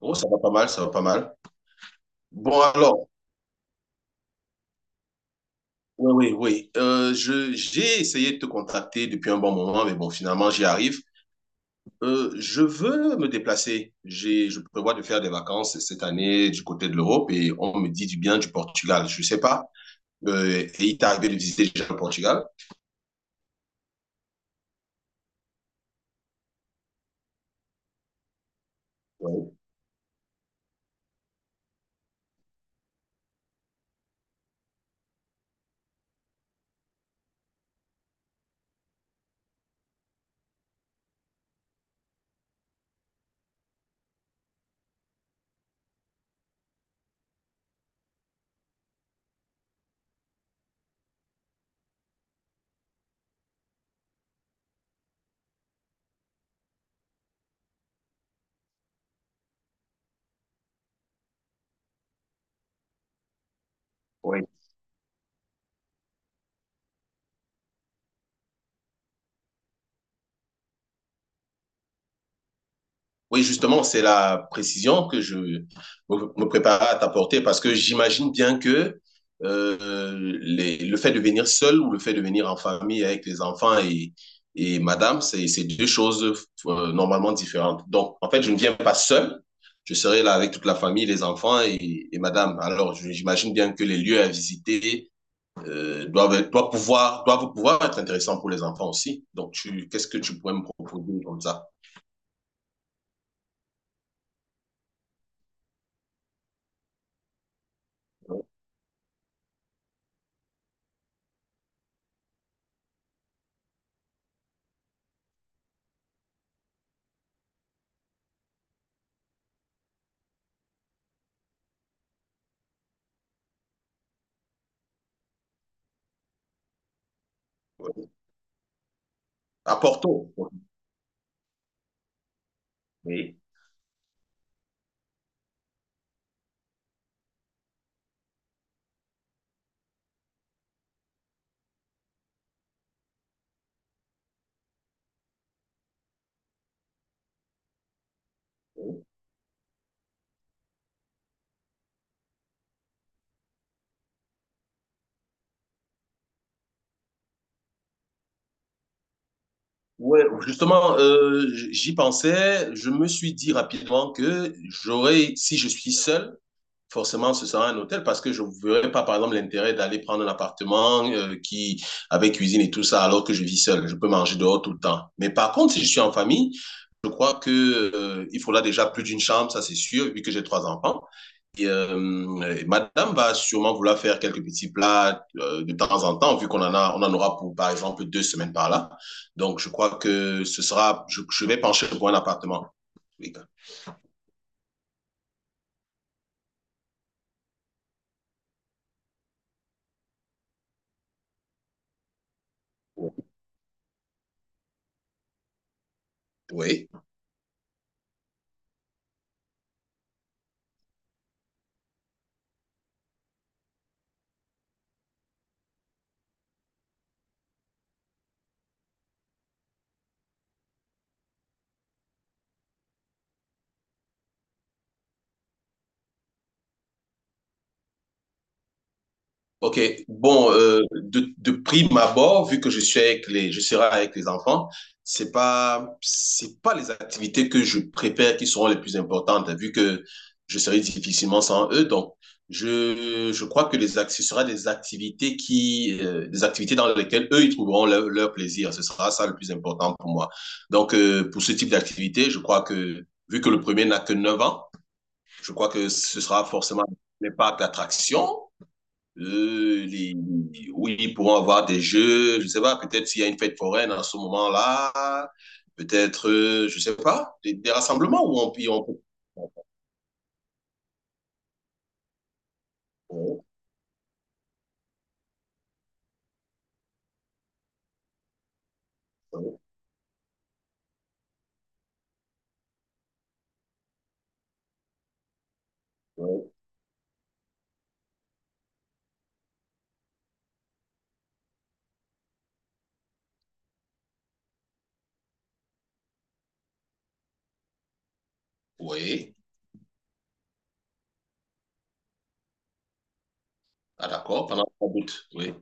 Oh, ça va pas mal, ça va pas mal. Bon, alors, oui, oui, oui. J'ai essayé de te contacter depuis un bon moment, mais bon, finalement, j'y arrive. Je veux me déplacer. Je prévois de faire des vacances cette année du côté de l'Europe et on me dit du bien du Portugal. Je sais pas. Et il t'est arrivé de visiter déjà le Portugal? Oui. Oui, justement, c'est la précision que je me prépare à t'apporter parce que j'imagine bien que le fait de venir seul ou le fait de venir en famille avec les enfants et madame, c'est deux choses normalement différentes. Donc, en fait, je ne viens pas seul. Je serai là avec toute la famille, les enfants et madame. Alors, j'imagine bien que les lieux à visiter doivent pouvoir être intéressants pour les enfants aussi. Donc, qu'est-ce que tu pourrais me proposer comme ça à Porto? Oui. Ouais, justement, j'y pensais. Je me suis dit rapidement que j'aurais, si je suis seul, forcément, ce sera un hôtel parce que je ne verrais pas, par exemple, l'intérêt d'aller prendre un appartement avec cuisine et tout ça, alors que je vis seul. Je peux manger dehors tout le temps. Mais par contre, si je suis en famille, je crois que, il faudra déjà plus d'une chambre, ça c'est sûr, vu que j'ai trois enfants. Et madame va sûrement vouloir faire quelques petits plats de temps en temps, vu qu'on en aura pour, par exemple, 2 semaines par là. Donc, je crois que je vais pencher pour un appartement. Oui. Oui. Ok, bon, de prime abord, vu que je serai avec les enfants, c'est pas les activités que je prépare qui seront les plus importantes, hein, vu que je serai difficilement sans eux. Donc, je crois que ce sera des activités des activités dans lesquelles eux, ils trouveront leur plaisir. Ce sera ça le plus important pour moi. Donc, pour ce type d'activité, je crois que, vu que le premier n'a que 9 ans, je crois que ce sera forcément les parcs d'attractions euh, les- oui, ils pourront avoir des jeux, je ne sais pas, peut-être s'il y a une fête foraine en ce moment-là, peut-être, je ne sais pas, des rassemblements où on, puis on. Oui, oui, oui. Oui. Ah, d'accord, pendant la route, oui.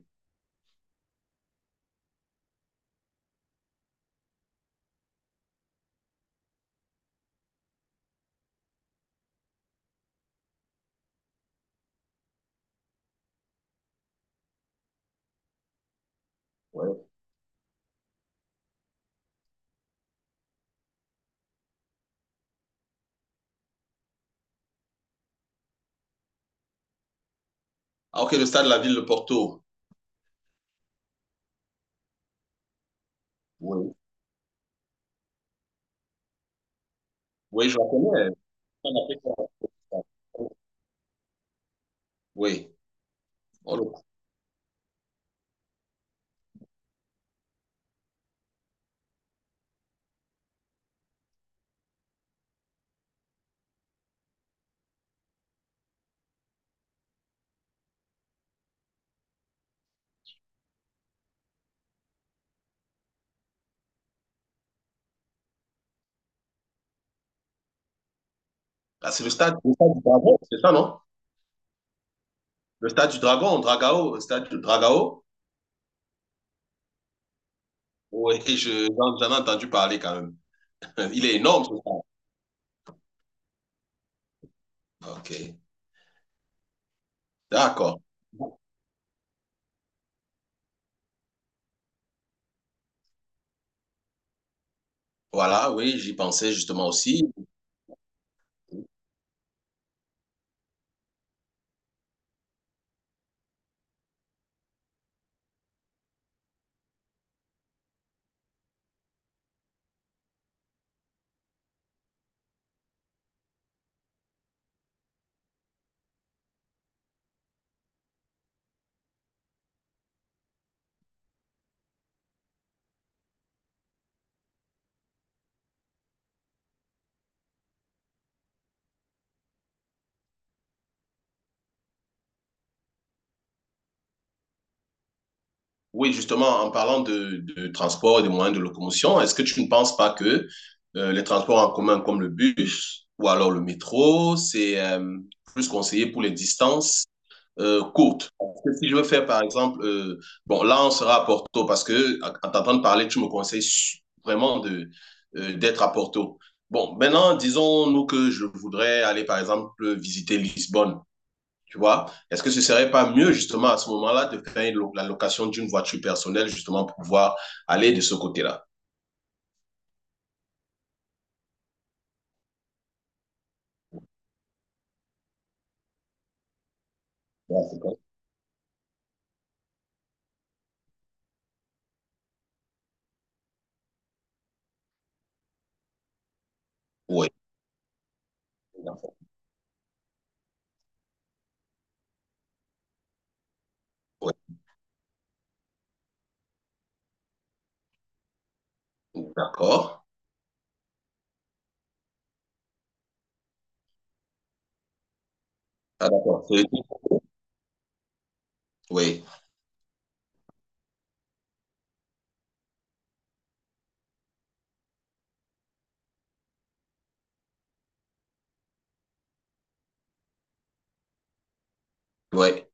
Oui. Ah, ok, le stade de la ville de Porto. Oui, oui, je la connais. Oui, on le-. Ah, c'est le stade du Dragon, c'est ça, non? Le stade du Dragon, Dragao, le stade du Dragao. Oui, j'en ai entendu parler quand même. Il est énorme, ce stade. Ok, d'accord. Voilà, oui, j'y pensais justement aussi. Oui, justement, en parlant de transport et de moyens de locomotion, est-ce que tu ne penses pas que les transports en commun comme le bus ou alors le métro, c'est plus conseillé pour les distances courtes? Parce que si je veux faire, par exemple, bon, là, on sera à Porto parce que, en t'entendant parler, tu me conseilles vraiment d'être à Porto. Bon, maintenant, disons-nous que je voudrais aller, par exemple, visiter Lisbonne. Tu vois? Est-ce que ce serait pas mieux, justement, à ce moment-là, de faire une la location d'une voiture personnelle, justement, pour pouvoir aller de ce côté-là? Ouais, c'est bon. Oui, d'accord. Oui, d'accord. Ah, d'accord. C'est-. Oui, oui.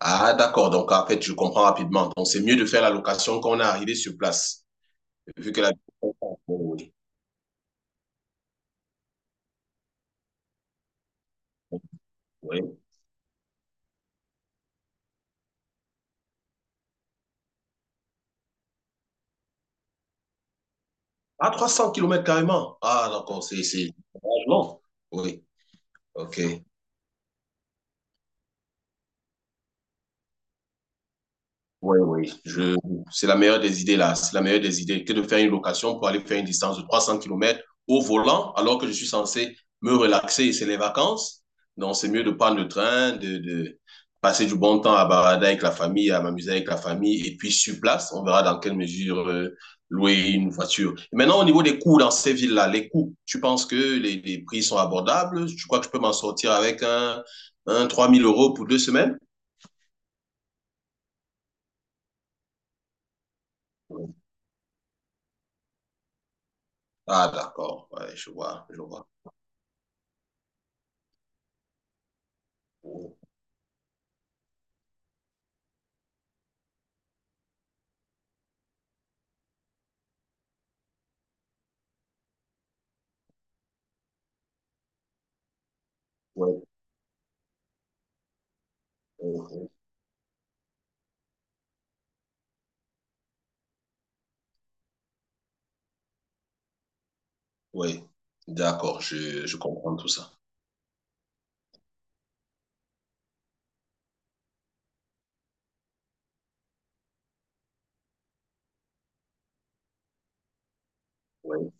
Ah, d'accord. Donc, en fait, je comprends rapidement. Donc, c'est mieux de faire la location quand on est arrivé sur place, vu que la... Oui, oui. Ah, 300 km carrément. Ah, d'accord. C'est largement. Oui. Ok. Oui, oui. Je... C'est la meilleure des idées, là. C'est la meilleure des idées que de faire une location pour aller faire une distance de 300 kilomètres au volant, alors que je suis censé me relaxer et c'est les vacances. Donc, c'est mieux de prendre le train, de passer du bon temps à barader avec la famille, à m'amuser avec la famille. Et puis, sur place, on verra dans quelle mesure louer une voiture. Et maintenant, au niveau des coûts dans ces villes-là, les coûts, tu penses que les prix sont abordables? Tu crois que je peux m'en sortir avec un 3 000 euros pour 2 semaines? Ah, d'accord, ouais, je vois, je vois. Oui, oui, oui, oui. D'accord, je comprends tout ça. Oui.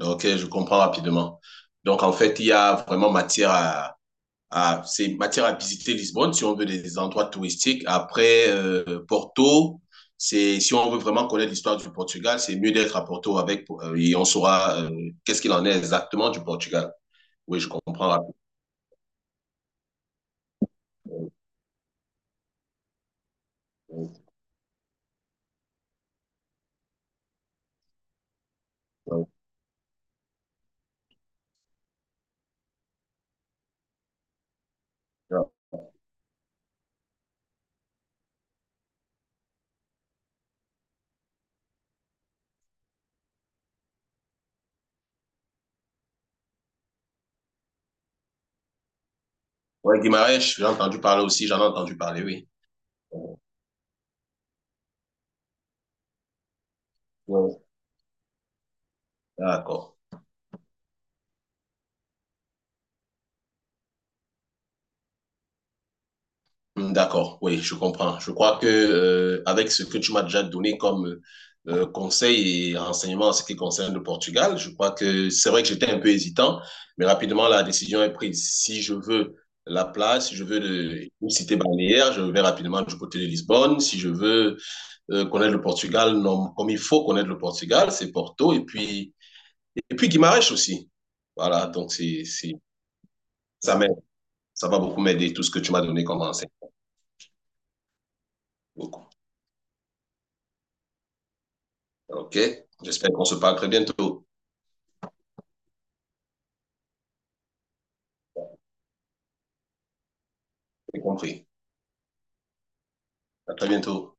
Ok, je comprends rapidement. Donc, en fait, il y a vraiment matière c'est matière à visiter Lisbonne si on veut des endroits touristiques. Après, Porto, si on veut vraiment connaître l'histoire du Portugal, c'est mieux d'être à Porto et on saura qu'est-ce qu'il en est exactement du Portugal. Oui, je comprends rapidement. Oui, oui, oui. Ouais, Guimarães, j'ai entendu parler aussi, j'en ai entendu parler, oui. Ouais. D'accord. Hmm, d'accord, oui, je comprends. Je crois que avec ce que tu m'as déjà donné comme conseil et renseignement en ce qui concerne le Portugal, je crois que c'est vrai que j'étais un peu hésitant, mais rapidement la décision est prise. Si je veux la place, si je veux une cité balnéaire, je vais rapidement du côté de Lisbonne. Si je veux connaître le Portugal, non, comme il faut connaître le Portugal, c'est Porto et puis Guimarães aussi. Voilà, donc c'est ça m'aide, ça va beaucoup m'aider tout ce que tu m'as donné comme renseignement. Beaucoup. OK? J'espère qu'on se parle très bientôt. J'ai compris. À très bientôt.